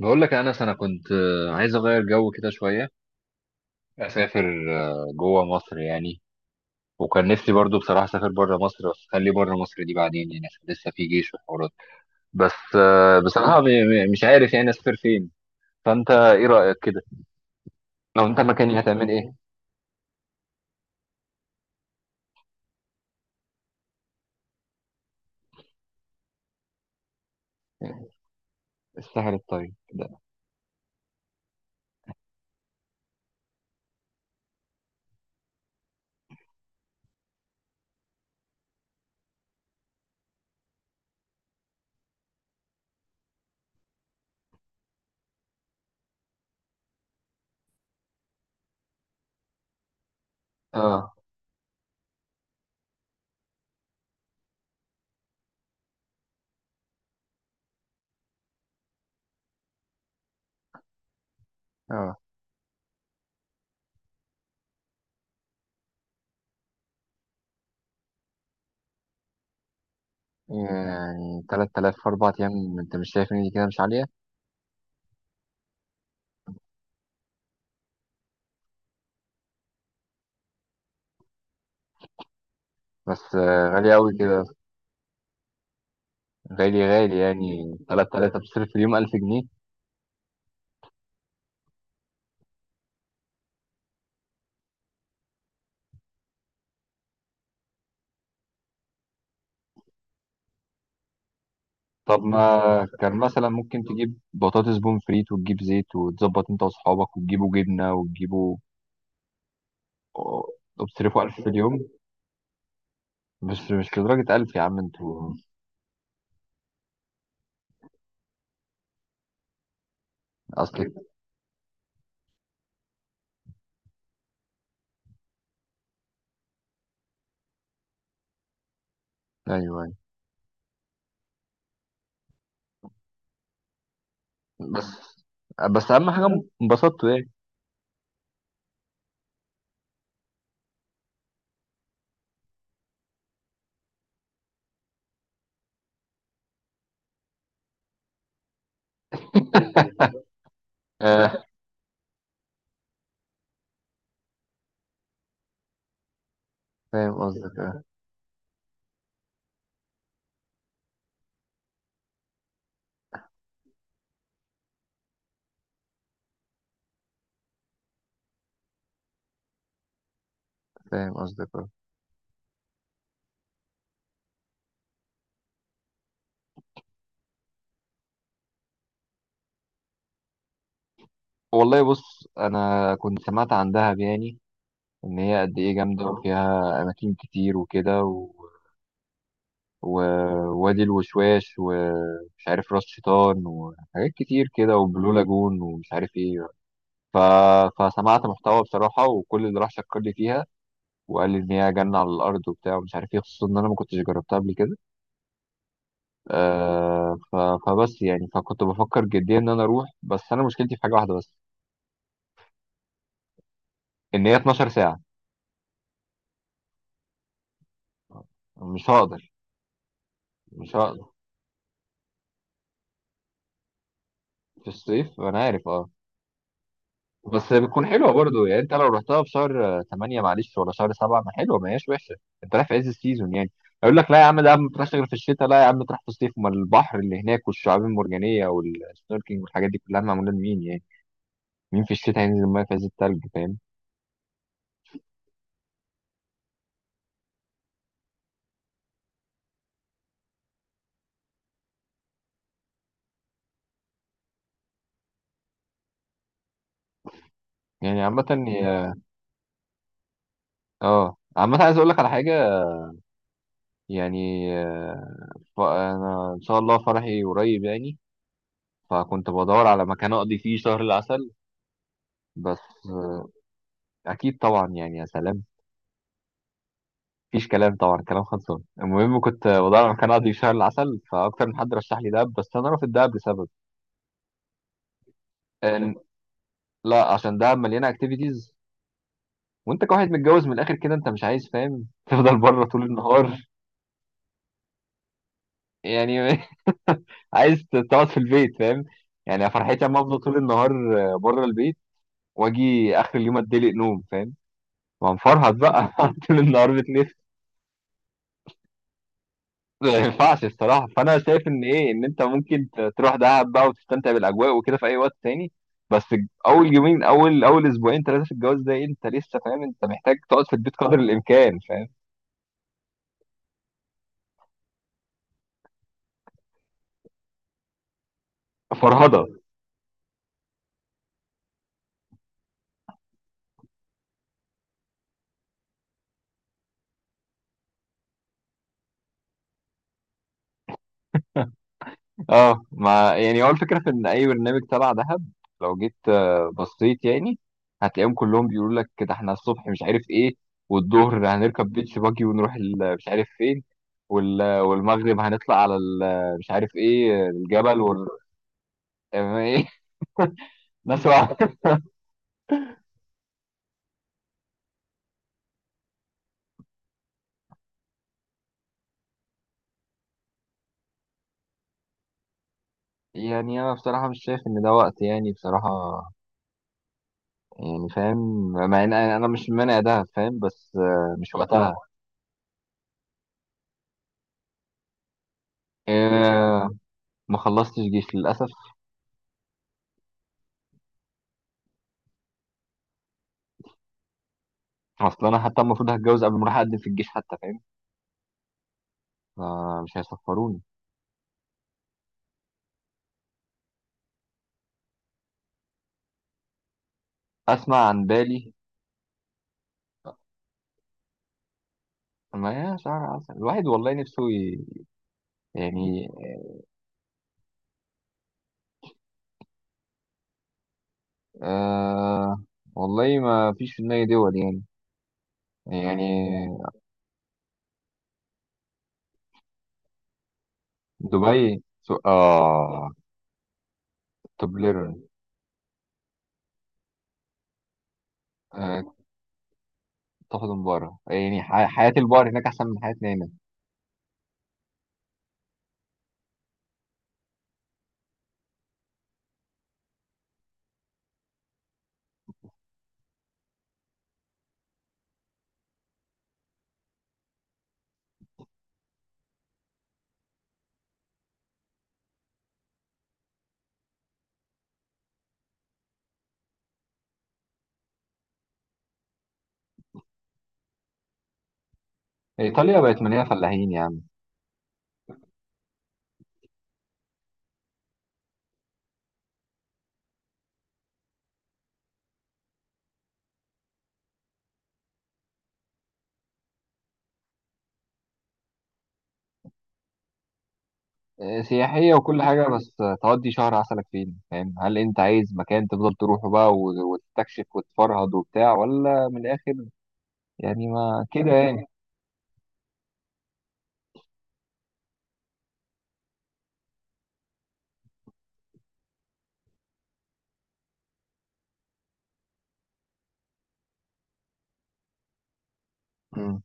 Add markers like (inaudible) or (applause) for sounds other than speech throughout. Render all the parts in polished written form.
بقول لك يا انس، انا كنت عايز اغير جو كده شويه. اسافر جوه مصر يعني. وكان نفسي برضو بصراحه اسافر بره مصر، بس خلي بره مصر دي بعدين يعني، عشان لسه في جيش وحوارات. بس بصراحه مش عارف يعني اسافر فين. فانت ايه رايك كده؟ لو انت مكاني هتعمل ايه؟ السهل الطيب ده. اه. اه. يعني 3000 4 ايام، انت مش شايف ان دي كده مش عاليه؟ بس غاليه قوي كده. غالي غالي، يعني 3000 بتصرف في اليوم 1000 جنيه. طب ما كان مثلا ممكن تجيب بطاطس بون فريت وتجيب زيت وتظبط انت واصحابك وتجيبوا جبنه وتجيبوا. طب تصرفوا 1000 في اليوم؟ بس مش لدرجه 1000 يا عم انتوا. اصلك. ايوه، ايوه. بس بس اهم حاجه انبسطتوا يعني. آه. (laughs) فاهم قصدك آه. فاهم قصدك آه. والله بص، انا كنت سمعت عن دهب يعني. ان هي قد ايه جامده وفيها اماكن كتير وكده. ووادي الوشواش ومش عارف راس شيطان وحاجات كتير كده وبلو لاجون ومش عارف ايه. ف... فسمعت محتوى بصراحة، وكل اللي راح شكر لي فيها. وقال لي ان هي جنة على الارض وبتاع ومش عارف ايه، خصوصا ان انا ما كنتش جربتها قبل كده. آه ف... فبس يعني فكنت بفكر جديا ان انا اروح، بس انا مشكلتي في حاجة واحدة بس. ان هي 12 ساعة. مش هقدر. مش هقدر. في الصيف انا عارف اه. بس بتكون حلوه برضو يعني، انت لو رحتها في شهر 8 معلش، ولا شهر 7 ما حلوه ما هياش وحشه. انت رايح في عز السيزون يعني. اقول لك لا يا عم ده ما تروحش غير في الشتاء، لا يا عم تروح في الصيف، ما البحر اللي هناك والشعاب المرجانيه والسنوركينج والحاجات دي كلها معموله لمين يعني؟ مين في الشتاء هينزل الميه في عز التلج فاهم؟ يعني عامه عامه عايز اقول لك على حاجه. يعني انا ان شاء الله فرحي قريب يعني. فكنت بدور على مكان اقضي فيه شهر العسل. بس اكيد طبعا يعني يا سلام. مفيش كلام طبعا، كلام خلصان. المهم كنت بدور على مكان اقضي شهر العسل، فاكتر من حد رشح لي دهب، بس انا رافض دهب لسبب. إن لا، عشان دهب مليانه اكتيفيتيز، وانت كواحد متجوز من الاخر كده انت مش عايز فاهم (laughs) تفضل بره طول النهار. يعني (laughs) عايز تقعد في البيت فاهم. يعني أنا فرحتي اما افضل طول النهار بره البيت، واجي اخر اليوم اتدلق نوم فاهم. وهنفرهد بقى (laughs) طول النهار بتنام. ما ينفعش الصراحة. فأنا شايف إن إيه إن أنت ممكن تروح دهب بقى وتستمتع بالأجواء وكده في أي وقت تاني. بس أول يومين، أول أسبوعين ثلاثة في الجواز ده، إيه، أنت لسه فاهم أنت محتاج تقعد في البيت قدر الإمكان فاهم. فرهضة. أه، ما يعني هو الفكرة في إن أي برنامج تبع دهب لو جيت بصيت يعني، هتلاقيهم كلهم بيقولوا لك كده إحنا الصبح مش عارف إيه، والظهر هنركب بيتش باجي ونروح مش عارف فين، والمغرب هنطلع على مش عارف إيه الجبل وال. (laughs) بس هو- (laughs) يعني انا بصراحه مش شايف ان ده وقت يعني بصراحه. يعني فاهم، مع ان أنا مش مانع ده فاهم، بس مش وقتها. آه، ما خلصتش جيش للاسف. اصل انا حتى المفروض هتجوز قبل ما اروح اقدم في الجيش حتى فاهم. فمش هيسفروني. اسمع عن بالي. ما هي شهر عسل الواحد والله نفسه يعني آه... والله ما فيش في دماغي دول يعني. يعني دبي اه. توب ليرن. تاخد من بره، يعني حياة البار هناك أحسن من حياتنا هنا. إيطاليا بقت مليانة فلاحين يعني. سياحية وكل حاجة، بس تقضي شهر عسلك فين فاهم؟ هل أنت عايز مكان تفضل تروحه بقى وتستكشف وتفرهد وبتاع، ولا من الآخر يعني ما كده يعني؟ مم.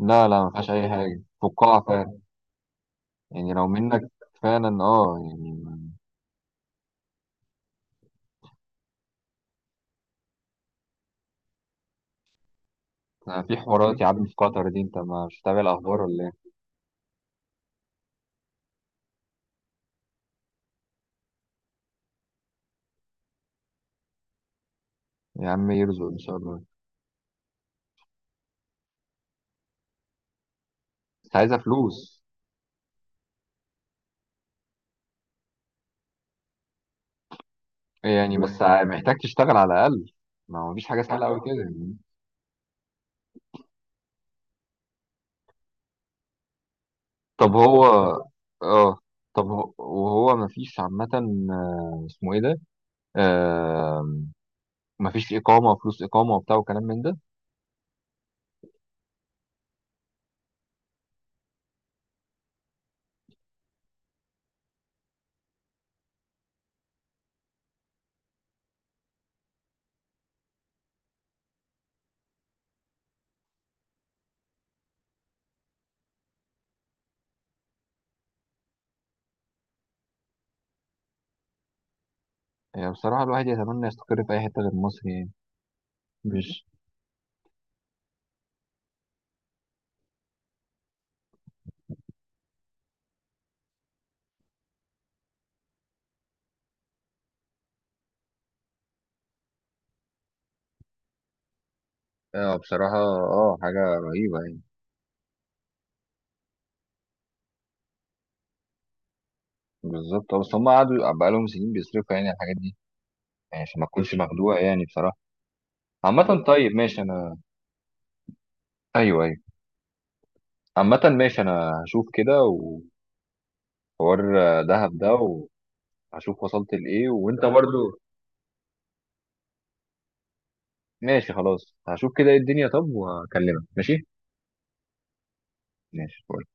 لا، لا ما فيهاش أي حاجة، فقاعة فعلا. يعني لو منك فعلا اه يعني. في حوارات يا عم في قطر دي، أنت مش متابع الأخبار ولا إيه؟ يا عم يرزق إن شاء الله. بس عايزة فلوس. يعني بس محتاج تشتغل على الأقل. ما هو مفيش حاجة سهلة أوي اه كده يعني. طب هو. اه. وهو مفيش عامة اسمه ايه ده. آه مفيش إقامة فلوس، إقامة وبتاع وكلام من ده. يعني بصراحة الواحد يتمنى يستقر في أي حتة غير مصر يعني. مش، اه بصراحة اه حاجة رهيبة يعني. بالظبط بس هم قعدوا بقالهم سنين بيصرفوا يعني على الحاجات دي. يعني عشان ما تكونش مخدوع يعني بصراحة. عامة طيب ماشي أنا. أيوه، أيوه. عامة ماشي، أنا هشوف كده. وحوار دهب ده هشوف وصلت لايه، وانت تمام برضو. ماشي، خلاص هشوف كده ايه الدنيا، طب وهكلمك ماشي. ماشي.